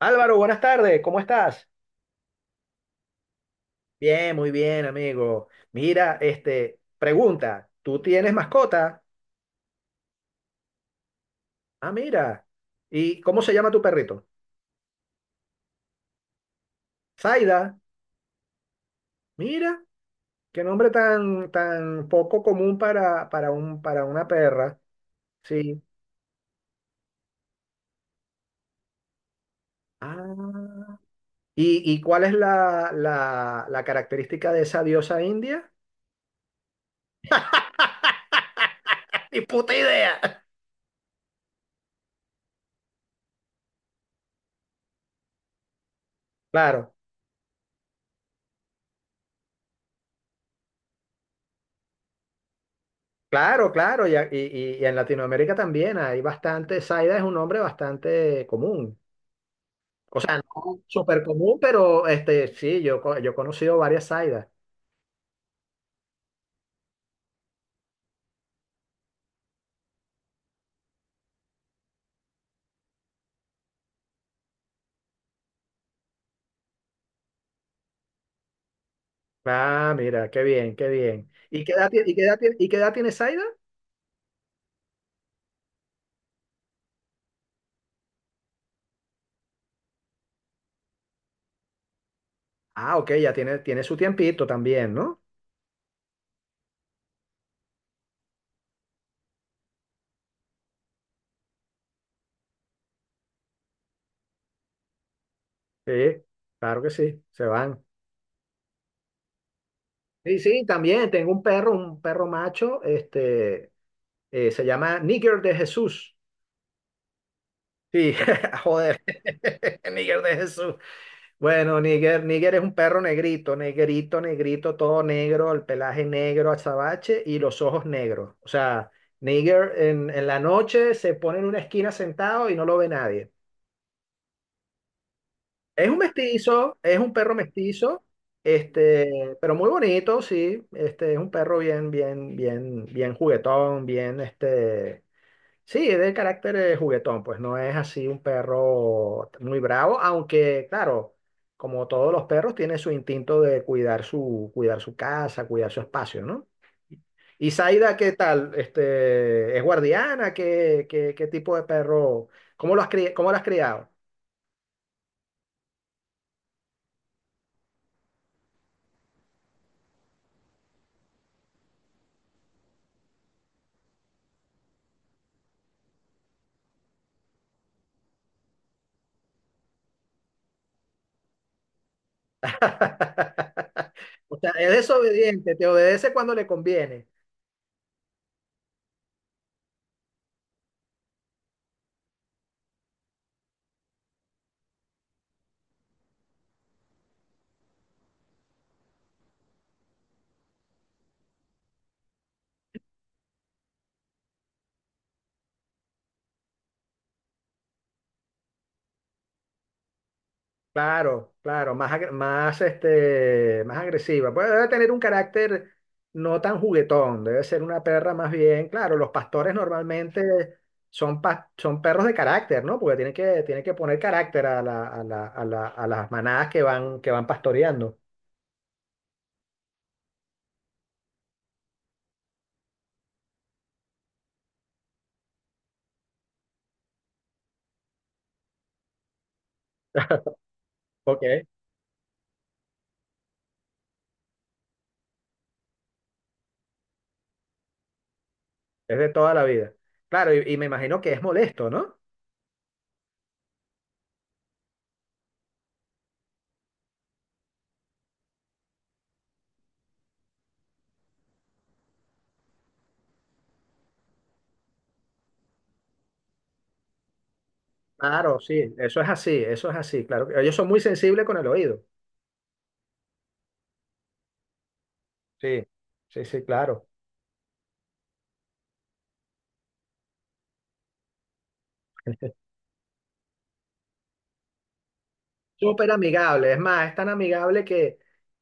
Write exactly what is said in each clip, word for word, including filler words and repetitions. Álvaro, buenas tardes, ¿cómo estás? Bien, muy bien, amigo. Mira, este, pregunta, ¿tú tienes mascota? Ah, mira. ¿Y cómo se llama tu perrito? Zaida. Mira, qué nombre tan, tan poco común para, para un, para una perra. Sí. Ah. ¿Y, y cuál es la, la, la característica de esa diosa india? Ni puta idea. Claro, claro, claro. Y, a- y, y- y en Latinoamérica también hay bastante, Zaida es un nombre bastante común. O sea, no súper común, pero este, sí, yo, co- yo he conocido varias Zaidas. Ah, mira, qué bien, qué bien. ¿Y qué edad, tie- y qué edad, tie- y qué edad tiene Zaida? Ah, ok, ya tiene, tiene su tiempito también, ¿no? Sí, claro que sí, se van. Sí, sí, también tengo un perro, un perro macho, este, eh, se llama Nigger de Jesús. Sí, joder, Nigger de Jesús. Bueno, Níger, Níger es un perro negrito, negrito, negrito, todo negro, el pelaje negro, azabache y los ojos negros. O sea, Níger en, en la noche se pone en una esquina sentado y no lo ve nadie. Es un mestizo, es un perro mestizo, este, pero muy bonito, sí. Este, es un perro bien, bien, bien, bien juguetón, bien, este. Sí, es de carácter eh, juguetón, pues no es así un perro muy bravo, aunque claro, como todos los perros, tiene su instinto de cuidar su, cuidar su casa, cuidar su espacio, ¿no? ¿Y Zaida qué tal? Este, ¿es guardiana? ¿Qué, qué, qué tipo de perro? ¿Cómo lo has cri- cómo lo has criado? O sea, es desobediente, te obedece cuando le conviene. Claro, claro, más, agre- más, este, más agresiva. Pues debe tener un carácter no tan juguetón, debe ser una perra más bien. Claro, los pastores normalmente son, pas- son perros de carácter, ¿no? Porque tienen que, tienen que poner carácter a, la- a la- a la- a las manadas que van, que van pastoreando. Ok. Es de toda la vida. Claro, y, y me imagino que es molesto, ¿no? Claro, sí, eso es así, eso es así, claro. Ellos son muy sensibles con el oído. Sí, sí, sí, claro. Súper amigable. Es más, es tan amigable que,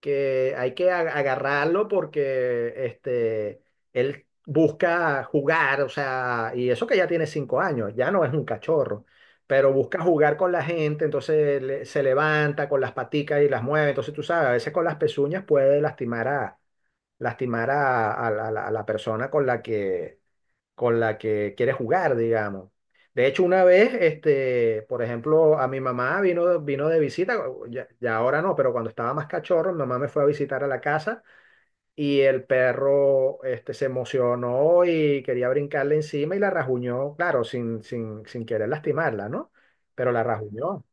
que hay que a- agarrarlo porque este, él busca jugar, o sea, y eso que ya tiene cinco años, ya no es un cachorro, pero busca jugar con la gente, entonces le- se levanta con las paticas y las mueve. Entonces tú sabes, a veces con las pezuñas puede lastimar a, lastimar a, a la a la- a la persona con la que con la que quiere jugar, digamos. De hecho, una vez, este, por ejemplo, a mi mamá vino, vino de visita, ya, ya ahora no, pero cuando estaba más cachorro, mi mamá me fue a visitar a la casa y el perro, este, se emocionó y quería brincarle encima y la rajuñó, claro, sin, sin, sin querer lastimarla, ¿no? Pero la rajuñó.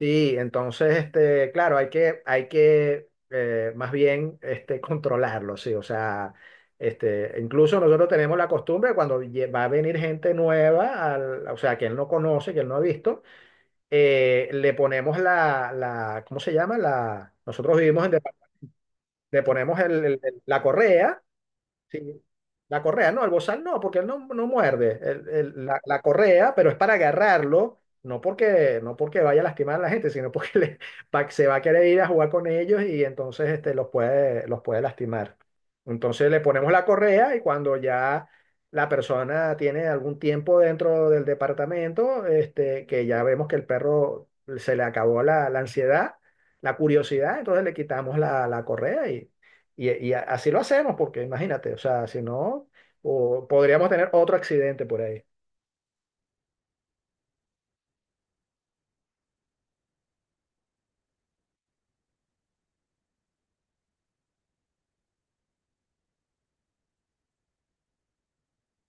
Sí, entonces, este, claro, hay que, hay que eh, más bien este, controlarlo, sí. O sea, este, incluso nosotros tenemos la costumbre cuando lle- va a venir gente nueva, al- o sea, que él no conoce, que él no ha visto, eh, le ponemos la, la, ¿cómo se llama? La, nosotros vivimos en, depa- Le ponemos el- el- el- la correa. Sí. La correa, no, el bozal no, porque él no, no muerde. El- el- la, la correa, pero es para agarrarlo, no porque, no porque vaya a lastimar a la gente, sino porque le- va- se va a querer ir a jugar con ellos y entonces este, los puede, los puede lastimar. Entonces le ponemos la correa y cuando ya la persona tiene algún tiempo dentro del departamento, este, que ya vemos que el perro se le acabó la, la ansiedad, la curiosidad, entonces le quitamos la, la correa y, y así lo hacemos, porque imagínate, o sea, si no, o podríamos tener otro accidente por ahí.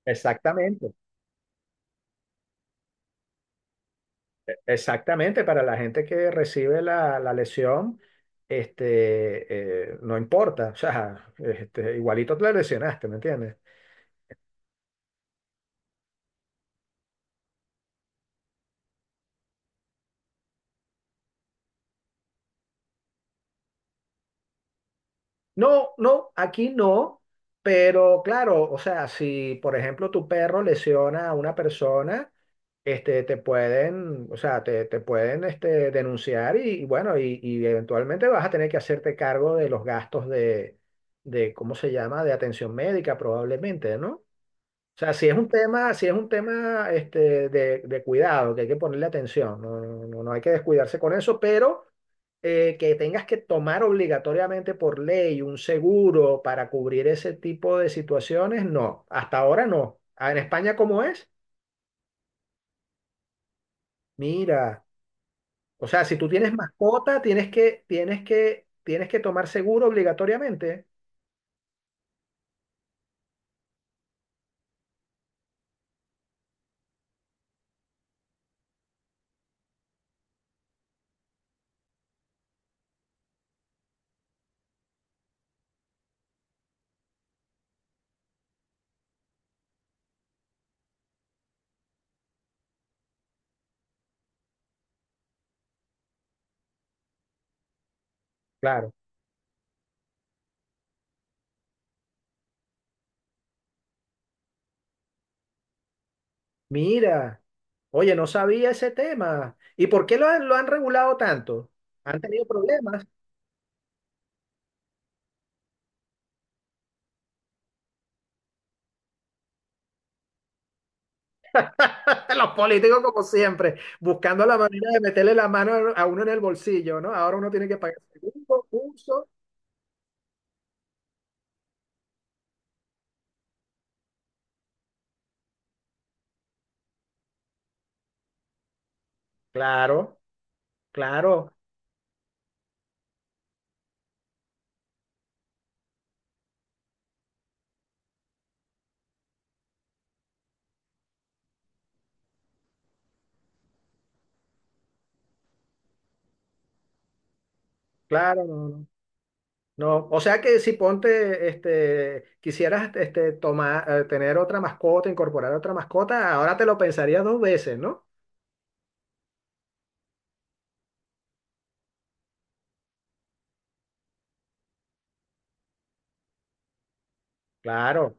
Exactamente, exactamente. Para la gente que recibe la, la lesión, este, eh, no importa, o sea, este, igualito te la lesionaste, ¿me entiendes? No, no, aquí no, pero claro, o sea, si por ejemplo tu perro lesiona a una persona, este, te pueden, o sea, te, te pueden este, denunciar y, y bueno, y, y eventualmente vas a tener que hacerte cargo de los gastos de, de, ¿cómo se llama?, de atención médica probablemente, ¿no? O sea, si es un tema, si es un tema este, de, de cuidado, que hay que ponerle atención, no, no, no- no hay que descuidarse con eso, pero eh, que tengas que tomar obligatoriamente por ley un seguro para cubrir ese tipo de situaciones, no, hasta ahora no. Ah, ¿en España cómo es? Mira. O sea, si tú tienes mascota, tienes que, tienes que, tienes que tomar seguro obligatoriamente. Claro. Mira, oye, no sabía ese tema. ¿Y por qué lo han, lo han regulado tanto? Han tenido problemas. Los políticos, como siempre, buscando la manera de meterle la mano a uno en el bolsillo, ¿no? Ahora uno tiene que pagar seguro, curso. Claro, claro, claro. No, no. No, o sea que si ponte, este, quisieras, este, tomar, eh, tener otra mascota, incorporar otra mascota, ahora te lo pensarías dos veces, ¿no? Claro,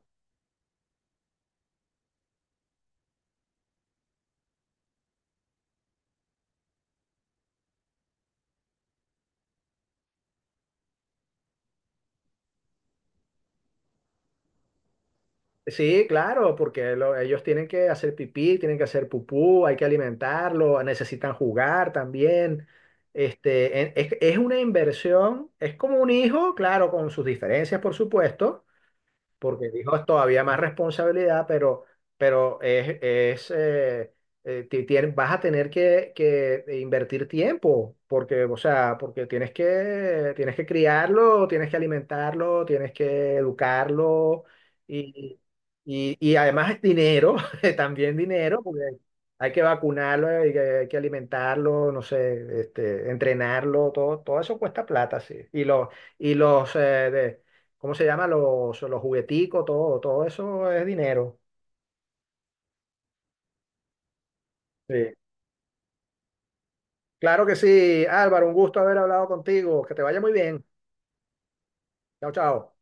sí, claro, porque lo- ellos tienen que hacer pipí, tienen que hacer pupú, hay que alimentarlo, necesitan jugar también. Este, en- es, es una inversión, es como un hijo, claro, con sus diferencias, por supuesto, porque dijo es todavía más responsabilidad, pero, pero es, es eh, eh, ti- tien- vas a tener que, que invertir tiempo, porque, o sea, porque tienes que, tienes que criarlo, tienes que alimentarlo, tienes que educarlo y, y, y además dinero, también dinero, porque hay que vacunarlo, hay que, hay que alimentarlo, no sé, este, entrenarlo, todo, todo eso cuesta plata, sí. Y los, y los, eh, ¿Cómo se llama? Los, los jugueticos, todo, todo eso es dinero. Sí. Claro que sí, Álvaro, un gusto haber hablado contigo. Que te vaya muy bien. Chao, chao.